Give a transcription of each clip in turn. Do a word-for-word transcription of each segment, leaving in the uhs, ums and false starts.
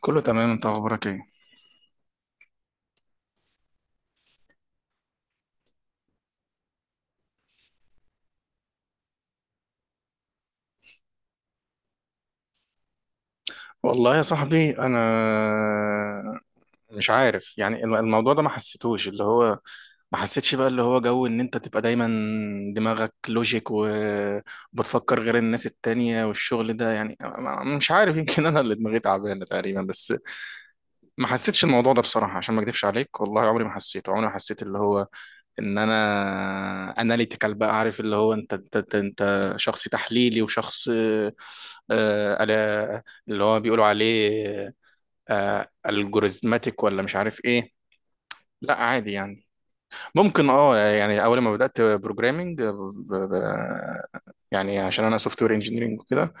كله تمام، انت اخبارك ايه؟ والله يا صاحبي انا مش عارف يعني الم- الموضوع ده ما حسيتوش. اللي هو ما حسيتش بقى اللي هو جو ان انت تبقى دايما دماغك لوجيك و- وبتفكر غير الناس التانية والشغل ده. يعني ما- مش عارف، يمكن انا اللي دماغي تعبانة تقريبا، بس ما حسيتش الموضوع ده بصراحة، عشان ما اكدبش عليك، والله عمري ما حسيته. عمري ما حسيت اللي هو ان انا اناليتيكال، بقى عارف اللي هو انت انت انت, انت شخص تحليلي وشخص آه، آه، على- اللي هو بيقولوا عليه الجوريزماتيك ولا مش عارف ايه. لا عادي يعني. ممكن اه، يعني اول ما بدات بروجرامنج، يعني عشان انا سوفت وير انجينيرنج وكده،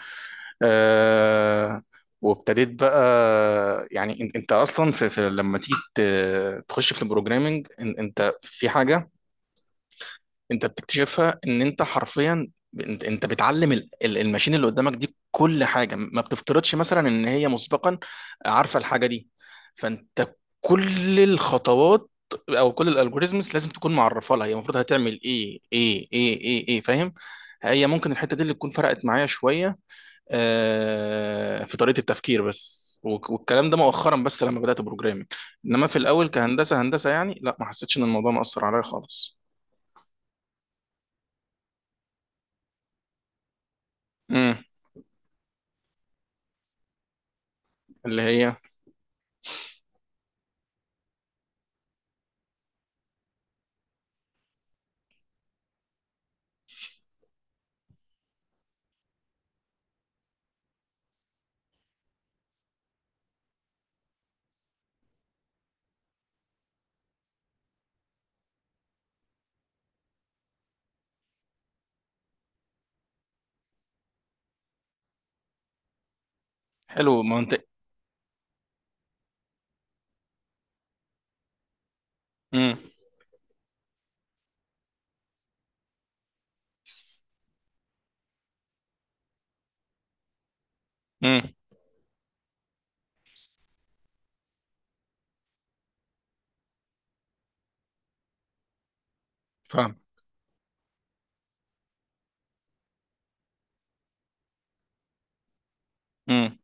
آه، وابتديت بقى يعني إن- انت اصلا في في- لما تيجي ت- تخش في البروجرامنج إن- انت في حاجه انت بتكتشفها ان انت حرفيا انت انت بتعلم ال- ال- الماشين اللي قدامك دي كل حاجه. ما بتفترضش مثلا ان هي مسبقا عارفه الحاجه دي. فانت كل الخطوات او كل الالجوريزمز لازم تكون معرفه لها هي المفروض هتعمل ايه ايه ايه ايه ايه، فاهم؟ هي ممكن الحته دي اللي تكون فرقت معايا شويه آه، في طريقه التفكير بس. وك- والكلام ده مؤخرا بس لما بدات بروجرامنج. انما في الاول كهندسه هندسه يعني لا، ما حسيتش ان الموضوع مأثر عليا خالص. امم. اللي هي. حلو، منطق. امم. امم. فاهم. امم.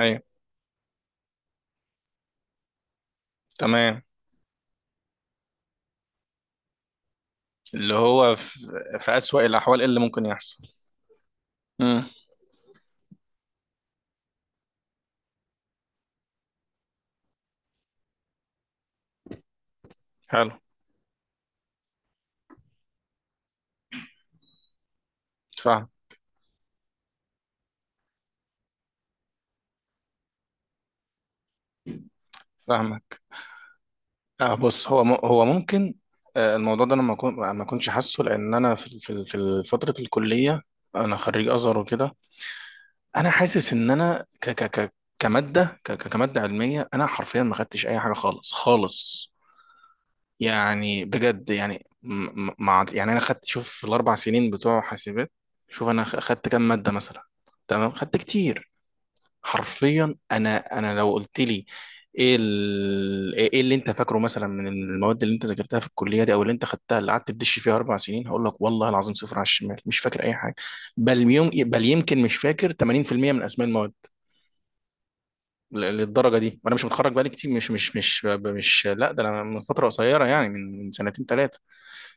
ايوه، تمام. اللي هو في, في أسوأ الأحوال إيه اللي ممكن يحصل؟ امم. حلو. فاهم. فاهمك. آه بص، هو م... هو ممكن. آه الموضوع ده أنا ما كون... ما كنتش حاسه، لأن أنا في في في فترة الكلية. أنا خريج أزهر وكده. أنا حاسس إن أنا ك... ك... ك... كمادة ك... ك- كمادة علمية، أنا حرفيا ما خدتش أي حاجة خالص خالص. يعني بجد يعني م- م- مع يعني انا خدت، شوف في الاربع سنين بتوع حاسبات، شوف انا خ- خدت كام ماده مثلا. تمام، خدت كتير. حرفيا انا انا لو قلت لي ايه ال... ايه إيه اللي انت فاكره مثلا من المواد اللي انت ذاكرتها في الكليه دي او اللي انت خدتها اللي قعدت تدش فيها اربع سنين، هقول لك والله العظيم صفر على الشمال، مش فاكر اي حاجه. بل يوم بل يمكن مش فاكر ثمانين في المية من اسماء المواد ل- للدرجه دي، وانا مش متخرج بقالي كتير، مش مش مش مش لا ده انا من فتره قصيره، يعني من من سنتين ثلاثه.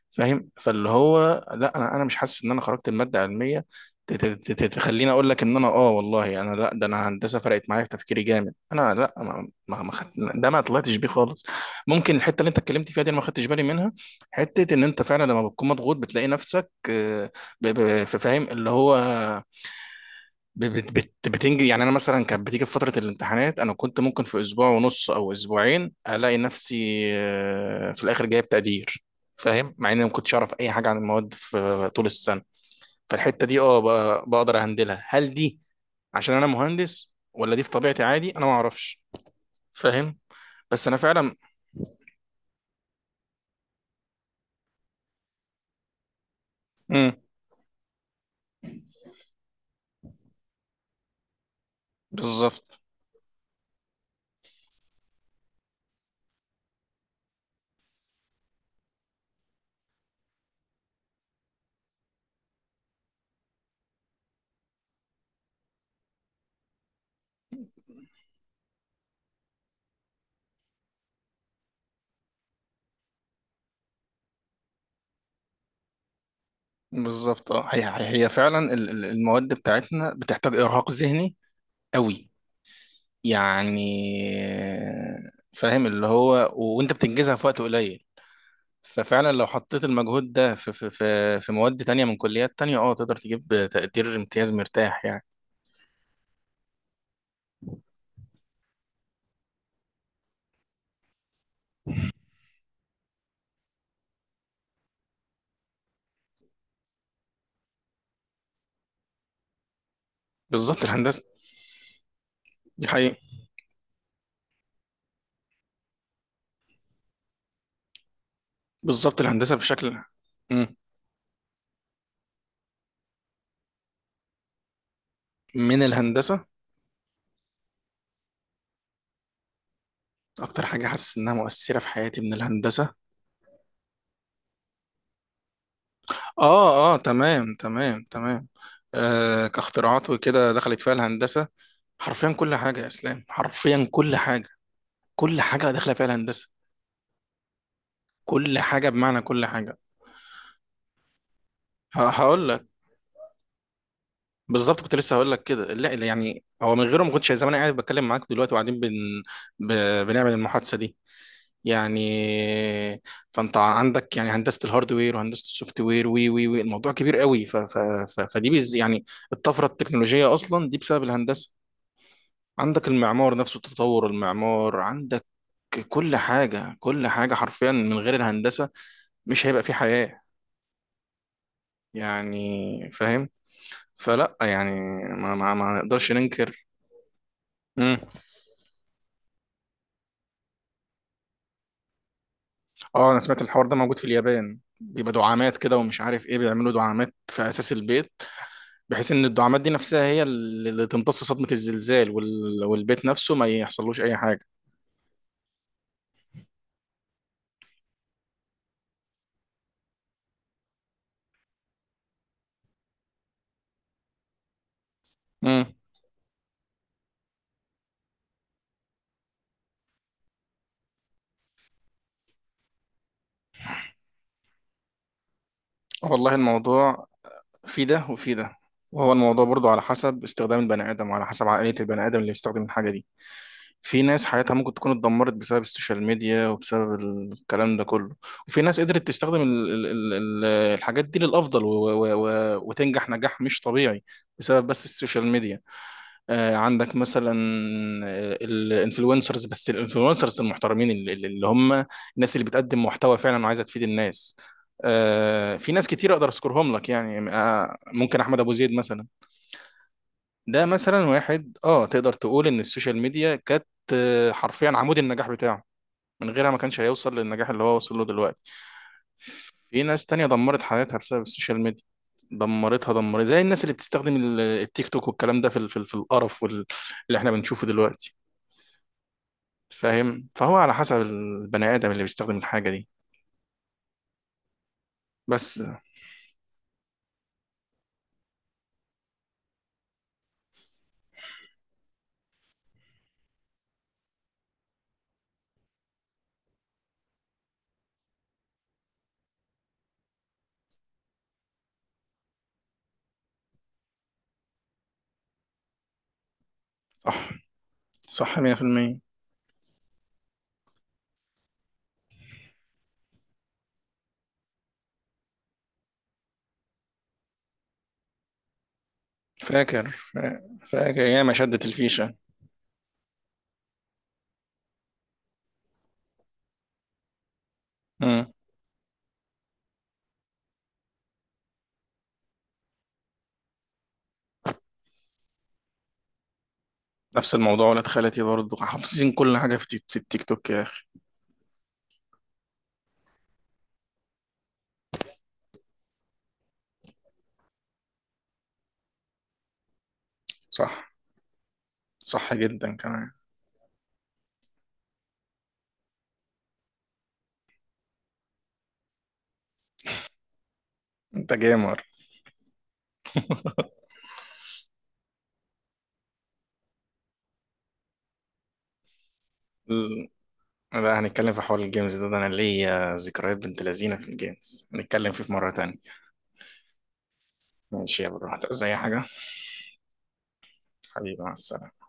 فاهم؟ فاللي هو لا، انا انا مش حاسس ان انا خرجت الماده علميه ت- ت- ت- ت- تخليني اقول لك ان انا اه، والله انا لا، ده انا هندسه فرقت معايا في تفكيري جامد. انا لا، ما ما ما خدت ده، ما طلعتش بيه خالص. ممكن الحته اللي انت اتكلمت فيها دي انا ما خدتش بالي منها، حته ان انت فعلا لما بتكون مضغوط بتلاقي نفسك آه، ب- ب- فاهم اللي هو ب- بت- بت- بتنجز يعني. انا مثلا كانت بتيجي في فتره الامتحانات، انا كنت ممكن في اسبوع ونص او اسبوعين الاقي نفسي آه، في الاخر جايب تقدير. فاهم؟ مع اني ما كنتش اعرف اي حاجه عن المواد في طول السنه. فالحته دي اه، ب- بقدر اهندلها. هل دي عشان انا مهندس ولا دي في طبيعتي عادي؟ انا ما اعرفش. فاهم. بس انا فعلا. امم. بالظبط. بالظبط اه، هي هي هي فعلا ال- ال- المواد بتاعتنا بتحتاج ارهاق ذهني قوي، يعني فاهم اللي هو، وانت بتنجزها في وقت قليل. ففعلا لو حطيت المجهود ده في في في في مواد تانية من كليات تانية، اه تقدر تجيب تقدير امتياز مرتاح يعني. بالظبط الهندسة. دي حقيقة. بالظبط الهندسة بشكل. مم. من الهندسة. اكتر حاجة حاسس انها مؤثرة في حياتي من الهندسة. اه اه، تمام تمام تمام. آه كاختراعات وكده، دخلت فيها الهندسة حرفيا كل حاجة، يا اسلام حرفيا كل حاجة، كل حاجة داخلة فيها الهندسة، كل حاجه بمعنى كل حاجه. هقول لك بالظبط، كنت لسه هقول لك كده. لا لا، يعني هو من غيره ما كنتش زمان قاعد بتكلم معاك دلوقتي وقاعدين بن... ب... بنعمل المحادثه دي يعني. فانت عندك يعني هندسه الهاردوير وهندسه السوفت وير، وي وي وي الموضوع كبير قوي ف... ف... ف... فدي بز... يعني الطفره التكنولوجيه اصلا دي بسبب الهندسه. عندك المعمار نفسه، تطور المعمار عندك. كل حاجه كل حاجه حرفيا من غير الهندسه مش هيبقى في حياه يعني، فاهم. فلا يعني، ما ما, ما نقدرش ننكر. امم. اه انا سمعت الحوار ده موجود في اليابان، بيبقى دعامات كده ومش عارف ايه، بيعملوا دعامات في اساس البيت بحيث ان الدعامات دي نفسها هي اللي اللي تمتص صدمة الزلزال، وال... والبيت نفسه ما يحصلوش اي حاجة. امم. والله الموضوع في ده وفي ده. وهو الموضوع برضو على حسب استخدام البني ادم وعلى حسب عقلية البني ادم اللي بيستخدم الحاجة دي. في ناس حياتها ممكن تكون اتدمرت بسبب السوشيال ميديا وبسبب الكلام ده كله. وفي ناس قدرت تستخدم ال- ال- ال- ال- الحاجات دي للأفضل و و و وتنجح نجاح مش طبيعي بسبب بس السوشيال ميديا. آه عندك مثلا الانفلونسرز، بس الانفلونسرز المحترمين اللي, اللي هم الناس اللي بتقدم محتوى فعلا وعايزة تفيد الناس. آه في ناس كتير اقدر اذكرهم لك يعني، آه ممكن احمد ابو زيد مثلا. ده مثلا واحد، اه تقدر تقول ان السوشيال ميديا كانت آه، حرفيا عمود النجاح بتاعه، من غيرها ما كانش هيوصل للنجاح اللي هو وصل له دلوقتي. في ناس تانية دمرت حياتها بسبب السوشيال ميديا، دمرتها، دمرت زي الناس اللي بتستخدم ال- التيك توك والكلام ده في ال- في, ال- في القرف وال- اللي احنا بنشوفه دلوقتي. فاهم، فهو على حسب البني آدم اللي بيستخدم الحاجة دي بس. صح، صح مية في المية. فاكر فا- فاكر ياما شدت الفيشة. مم. نفس الموضوع، ولاد خالتي برضه حافظين كل حاجة في التيك في التيك توك يا أخي. صح، صح جدا كمان. انت جيمر. ال- بقى هنتكلم في حوار الجيمز ده, ده انا ليا ذكريات بنت لذينه في الجيمز، هنتكلم فيه في مره تانية. ماشي يا برو، هتعوز اي حاجه؟ حبيبي مع السلامه.